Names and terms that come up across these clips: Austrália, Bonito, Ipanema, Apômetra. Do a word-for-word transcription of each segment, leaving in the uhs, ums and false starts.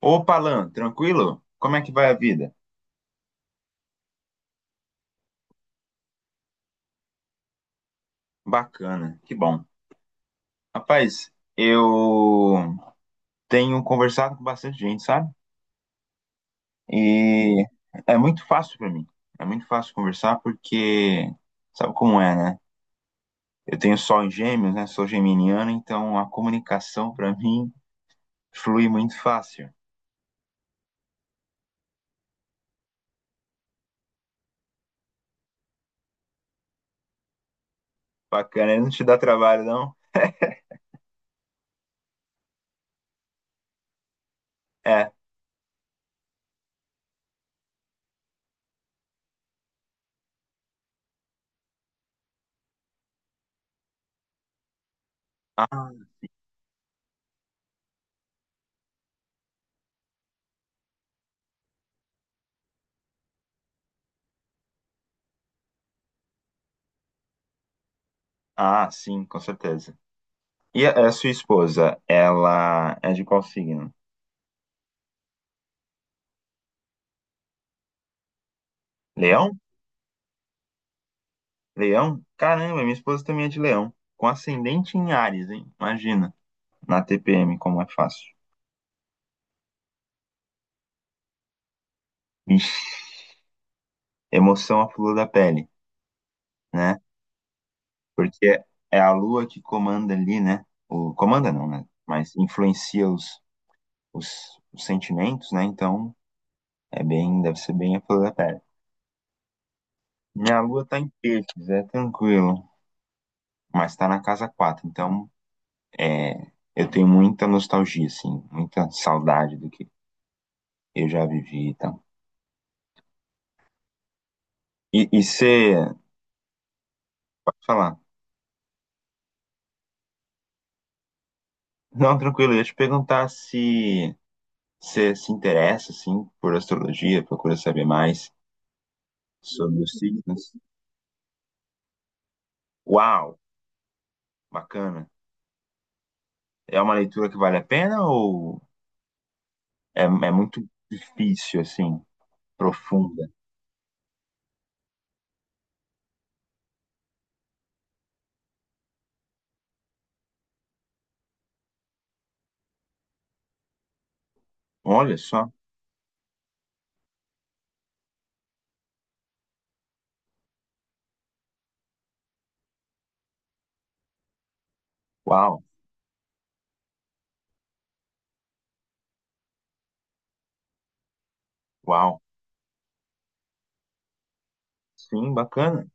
Opa, Alan, tranquilo? Como é que vai a vida? Bacana, que bom. Rapaz, eu tenho conversado com bastante gente, sabe? E é muito fácil pra mim. É muito fácil conversar porque sabe como é, né? Eu tenho sol em Gêmeos, né? Sou geminiano, então a comunicação pra mim flui muito fácil. Bacana, não te dá trabalho, não? É. Ah, ah, sim, com certeza. E a a sua esposa, ela é de qual signo? Leão? Leão? Caramba, minha esposa também é de leão. Com ascendente em Áries, hein? Imagina. Na T P M, como é fácil. Ixi, emoção à flor da pele, né? Porque é a lua que comanda ali, né? O, comanda não, né? Mas influencia os, os, os sentimentos, né? Então, é bem, deve ser bem a flor da pele. Minha lua tá em peixes, é tranquilo. Mas tá na casa quatro, então é, eu tenho muita nostalgia, assim, muita saudade do que eu já vivi então. E tal. E você. Pode falar. Não, tranquilo, eu ia te perguntar se você se interessa, assim, por astrologia, procura saber mais sobre os signos. Uau, bacana. É uma leitura que vale a pena ou é, é muito difícil, assim, profunda? Olha só, uau, uau. Sim, bacana.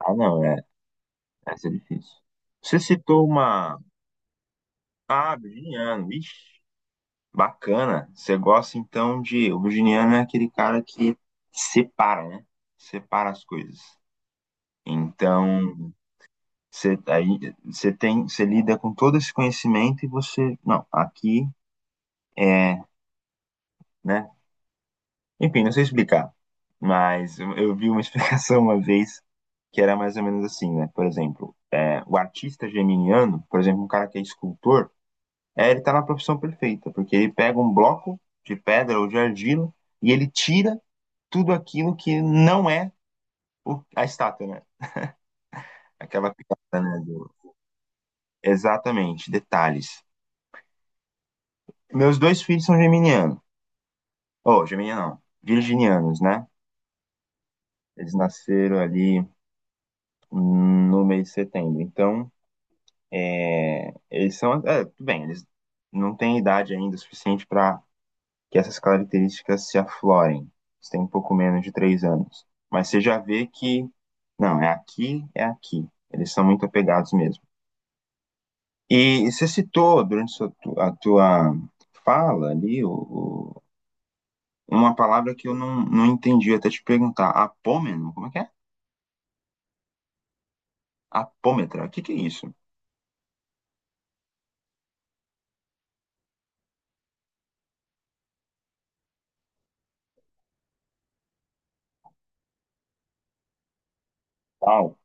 Ah, não, é, essa é difícil. Você citou uma... Ah, virginiano, ixi. Bacana. Você gosta então de. O virginiano é aquele cara que separa, né? Separa as coisas. Então, você, aí, você tem, você lida com todo esse conhecimento e você. Não, aqui é, né? Enfim, não sei explicar. Mas eu eu vi uma explicação uma vez que era mais ou menos assim, né? Por exemplo, é, o artista geminiano, por exemplo, um cara que é escultor, é, ele tá na profissão perfeita, porque ele pega um bloco de pedra ou de argila e ele tira tudo aquilo que não é o- a estátua, né? Aquela piada, né? do- Exatamente, detalhes. Meus dois filhos são geminianos. Oh, geminiano não. Virginianos, né? Eles nasceram ali no mês de setembro. Então, é, eles são. É, tudo bem, eles não têm idade ainda suficiente para que essas características se aflorem. Eles têm um pouco menos de três anos. Mas você já vê que. Não, é aqui, é aqui. Eles são muito apegados mesmo. E, você citou durante sua tu- a tua fala ali o, o- uma palavra que eu não, não entendi até te perguntar. Apômeno, como é que é? Apômetra, o que que é isso? Uau.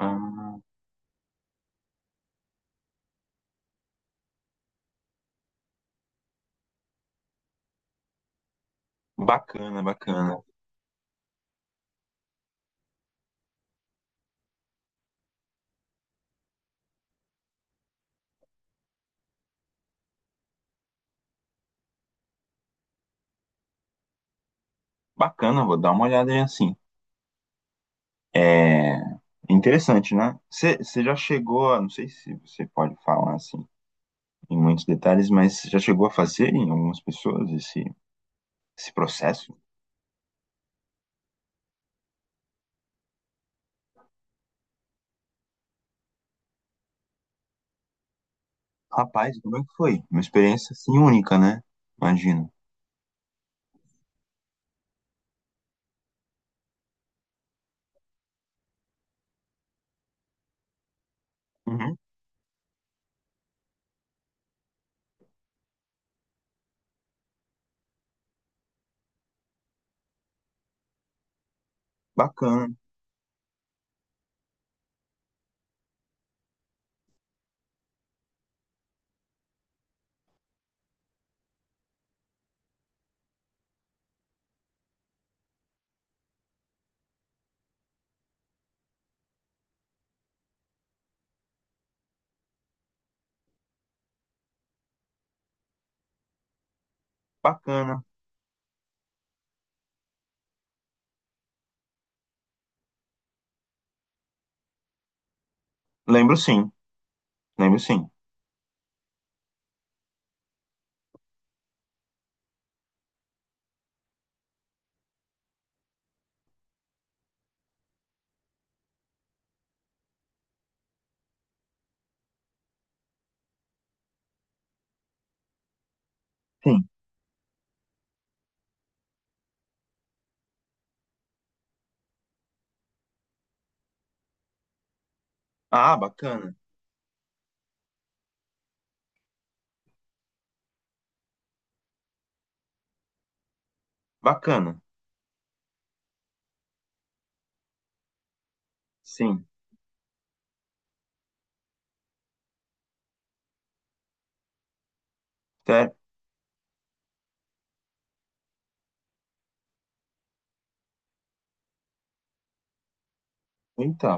Ah, bacana, bacana. Bacana, vou dar uma olhada aí assim. É interessante, né? Você você já chegou a, não sei se você pode falar assim em muitos detalhes, mas você já chegou a fazer em algumas pessoas esse, esse processo? Rapaz, como é que foi? Uma experiência assim única, né? Imagino. Uhum. Bacana, bacana. Lembro sim, lembro sim. Sim. Ah, bacana, bacana. Sim. Até... Eita,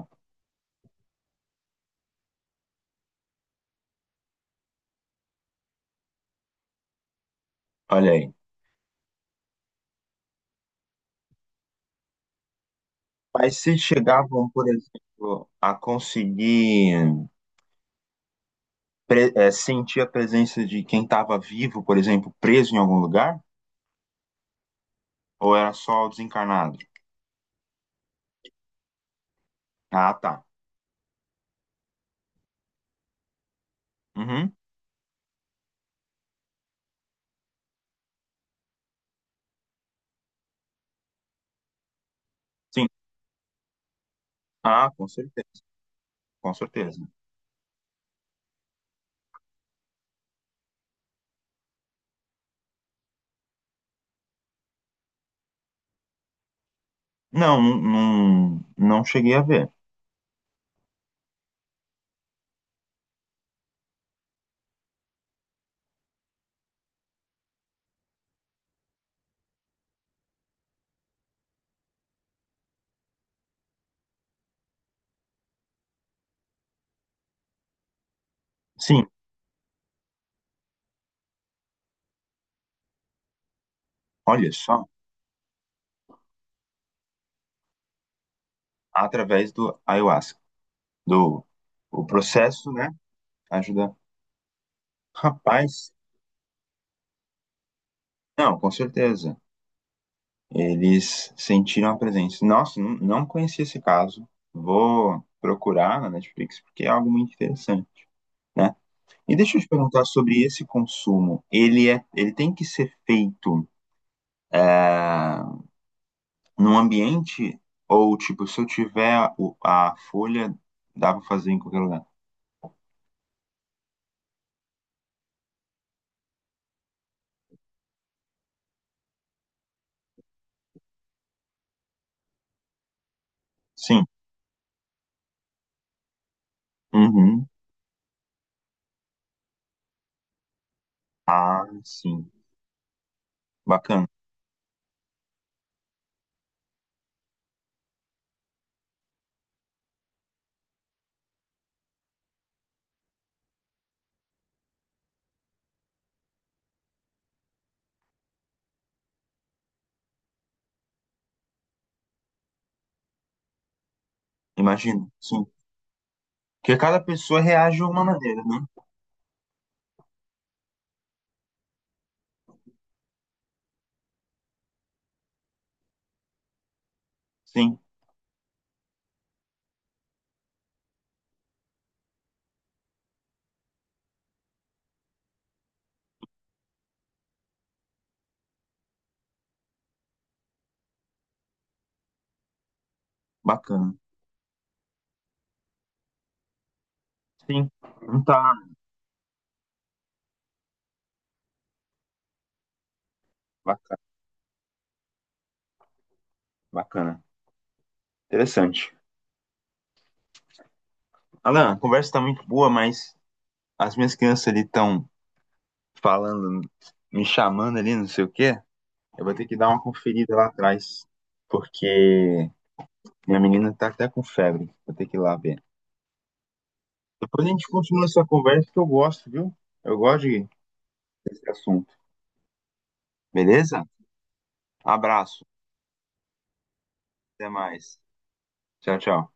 olha aí. Mas se chegavam, por exemplo, a conseguir pre- eh, sentir a presença de quem estava vivo, por exemplo, preso em algum lugar? Ou era só o desencarnado? Ah, tá. Uhum. Sim. Ah, com certeza, com certeza. Não, não, não não cheguei a ver. Sim, olha só, através do ayahuasca, do o processo, né? Ajudar. Rapaz, não, com certeza. Eles sentiram a presença. Nossa, não não conheci esse caso. Vou procurar na Netflix porque é algo muito interessante, né? E deixa eu te perguntar sobre esse consumo. Ele é, ele tem que ser feito num ambiente ou tipo, se eu tiver o- a folha, dá pra fazer em qualquer lugar? Sim. Uhum. Ah, sim. Bacana. Imagino. Sim. Porque cada pessoa reage de uma maneira, né? Sim. Bacana. Sim, não tá. Bacana, bacana. Interessante. Alan, a conversa tá muito boa, mas as minhas crianças ali estão falando, me chamando ali, não sei o quê. Eu vou ter que dar uma conferida lá atrás, porque minha menina tá até com febre. Vou ter que ir lá ver. Depois a gente continua essa conversa que eu gosto, viu? Eu gosto de- desse assunto. Beleza? Um abraço. Até mais. Tchau, tchau.